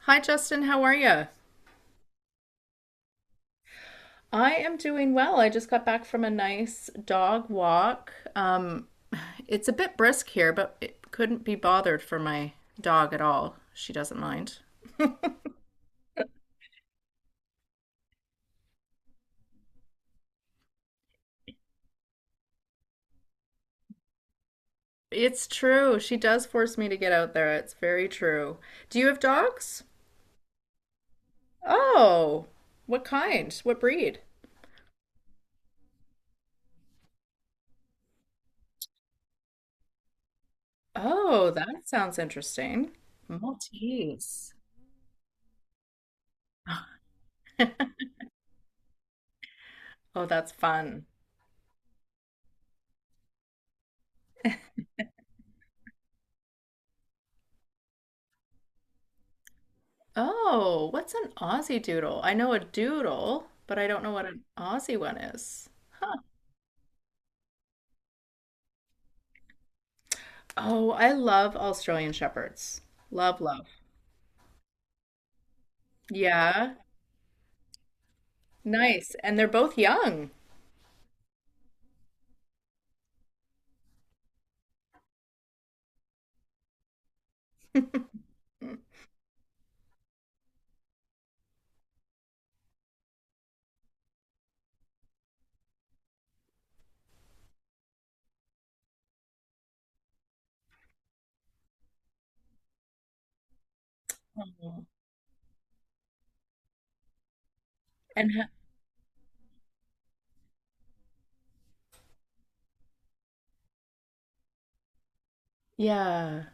Hi, Justin. How are you? I am doing well. I just got back from a nice dog walk. It's a bit brisk here, but it couldn't be bothered for my dog at all. She doesn't mind. It's true. She does force me to get out there. It's very true. Do you have dogs? Oh, what kind? What breed? Oh, that sounds interesting. Maltese. Oh, that's fun. Oh, what's an Aussie doodle? I know a doodle, but I don't know what an Aussie one is. Oh, I love Australian Shepherds. Love, love. Yeah, nice. And they're both young. Mhm. And ha- yeah.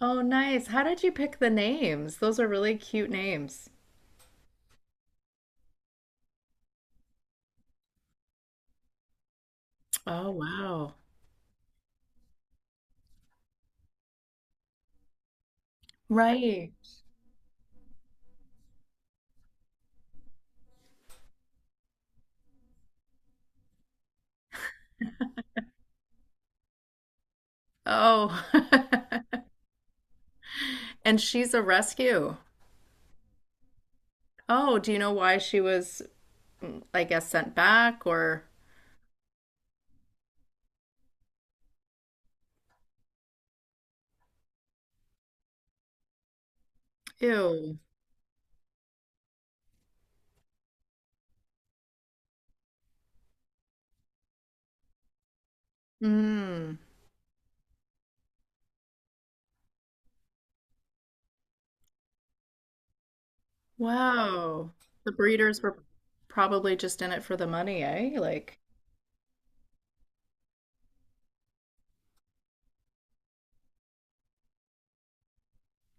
Oh, nice. How did you pick the names? Those are really cute names. Oh, wow. Right. Oh. And she's a rescue. Oh, do you know why she was, I guess, sent back or ew. Mm. Wow. The breeders were probably just in it for the money, eh? Like,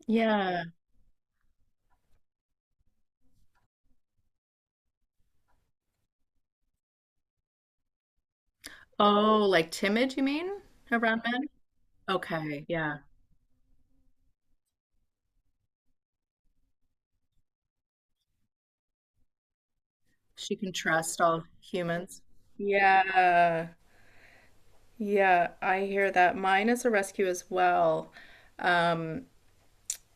yeah. Oh, like timid, you mean? Around men? Okay, yeah. She can trust all humans. Yeah. Yeah, I hear that. Mine is a rescue as well, um,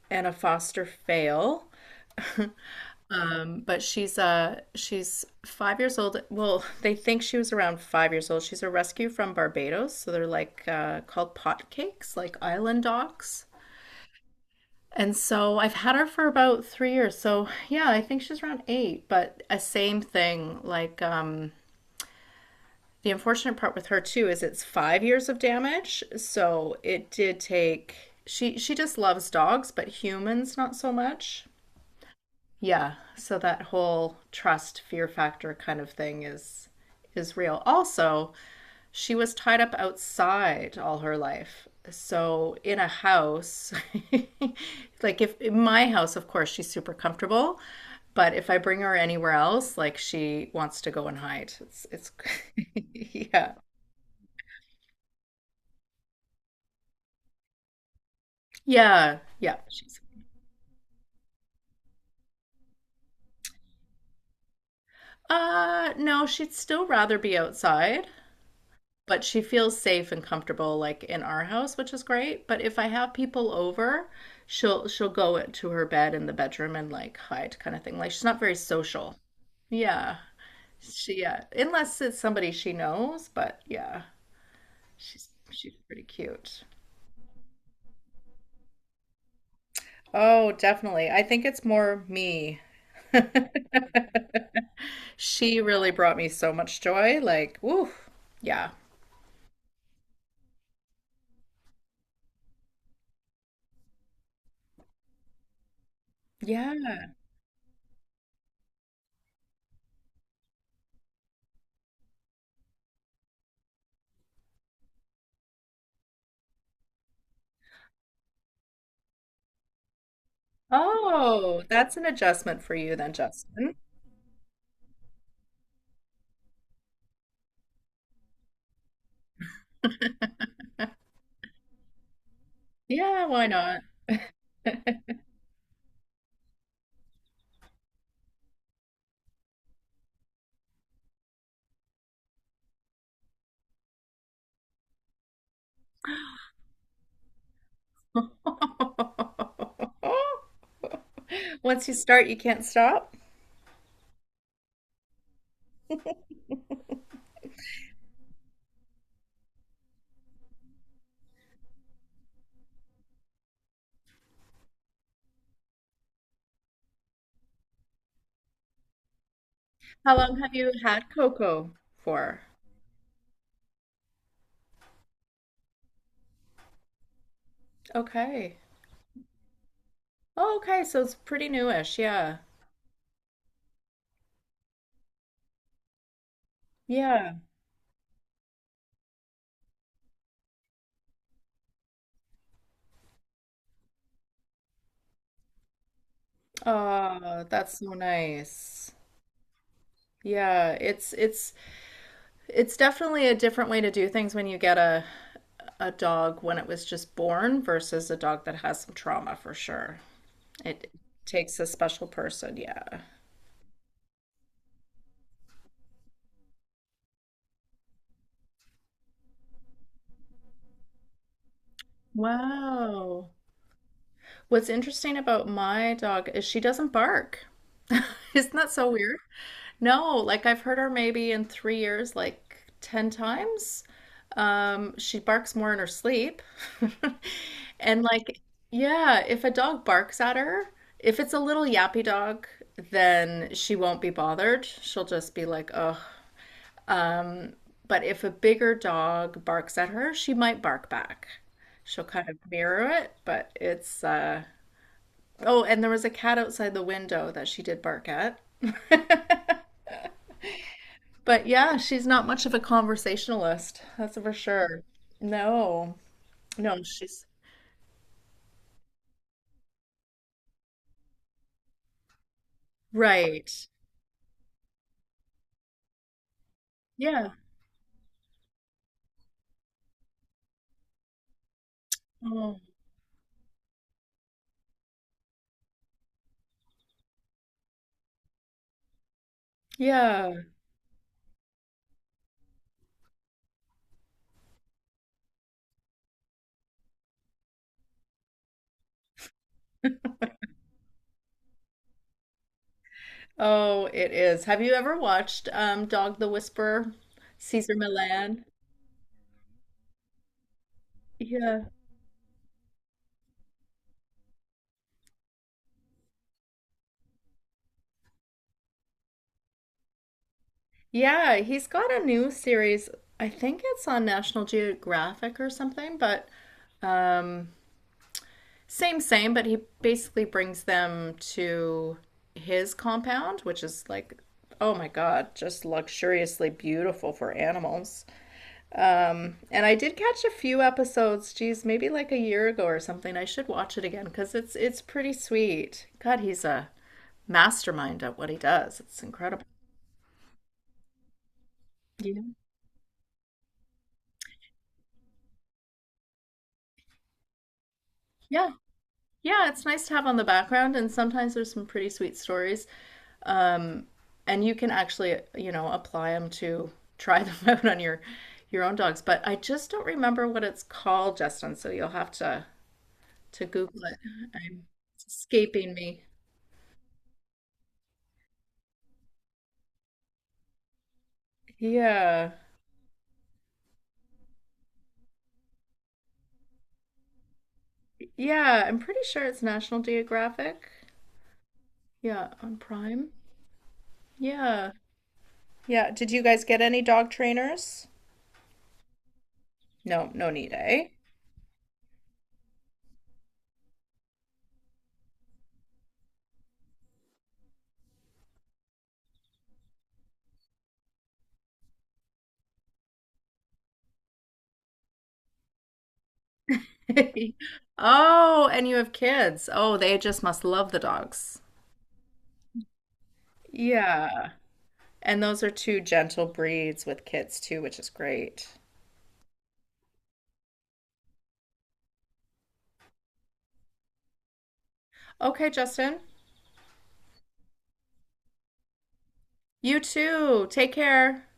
and a foster fail. But she's 5 years old. Well, they think she was around 5 years old. She's a rescue from Barbados, so they're called pot cakes, like island dogs. And so I've had her for about 3 years. So yeah, I think she's around eight. But a same thing. The unfortunate part with her too is it's 5 years of damage. So it did take. She just loves dogs, but humans not so much. Yeah. So that whole trust fear factor kind of thing is real. Also, she was tied up outside all her life. So in a house, like if in my house, of course, she's super comfortable, but if I bring her anywhere else, like she wants to go and hide. It's yeah. Yeah, yeah. She's No, she'd still rather be outside. But she feels safe and comfortable like in our house, which is great. But if I have people over, she'll go to her bed in the bedroom and like hide kind of thing. Like she's not very social. Yeah. She yeah, unless it's somebody she knows, but yeah, she's pretty cute. Oh, definitely. I think it's more me. She really brought me so much joy. Like, woo. Yeah. Yeah. Oh, that's an adjustment for you then, Justin. Yeah, why not? Once you start, you can't stop. How long have you had cocoa for? Okay. Oh, okay, so it's pretty newish. Yeah. Yeah. Oh, that's so nice. Yeah, it's definitely a different way to do things when you get a dog when it was just born versus a dog that has some trauma for sure. It takes a special person, yeah. Wow. What's interesting about my dog is she doesn't bark. Isn't that so weird? No, like I've heard her maybe in 3 years, like 10 times. She barks more in her sleep. And like, yeah, if a dog barks at her, if it's a little yappy dog, then she won't be bothered. She'll just be like, ugh. But if a bigger dog barks at her, she might bark back. She'll kind of mirror it, but it's uh oh, and there was a cat outside the window that she did bark at. But yeah, she's not much of a conversationalist, that's for sure. No, no, she's. Right. Yeah. Oh, yeah. Oh, it is. Have you ever watched Dog the Whisperer, Cesar Millan? Yeah. Yeah, he's got a new series. I think it's on National Geographic or something, but. um, Same, same, but he basically brings them to his compound, which is like, oh my God, just luxuriously beautiful for animals. And I did catch a few episodes, geez, maybe like a year ago or something. I should watch it again because it's pretty sweet. God, he's a mastermind at what he does. It's incredible. Yeah. Yeah. Yeah, it's nice to have on the background, and sometimes there's some pretty sweet stories. Um, and you can actually, you know, apply them to try them out on your own dogs. But I just don't remember what it's called, Justin. So you'll have to Google it. I'm, it's escaping me. Yeah, yeah. I'm pretty sure it's National Geographic. Yeah, on Prime. Yeah. Yeah. Did you guys get any dog trainers? No, no need, eh? Oh, and you have kids. Oh, they just must love the dogs. Yeah. And those are two gentle breeds with kids too, which is great. Okay, Justin. You too. Take care.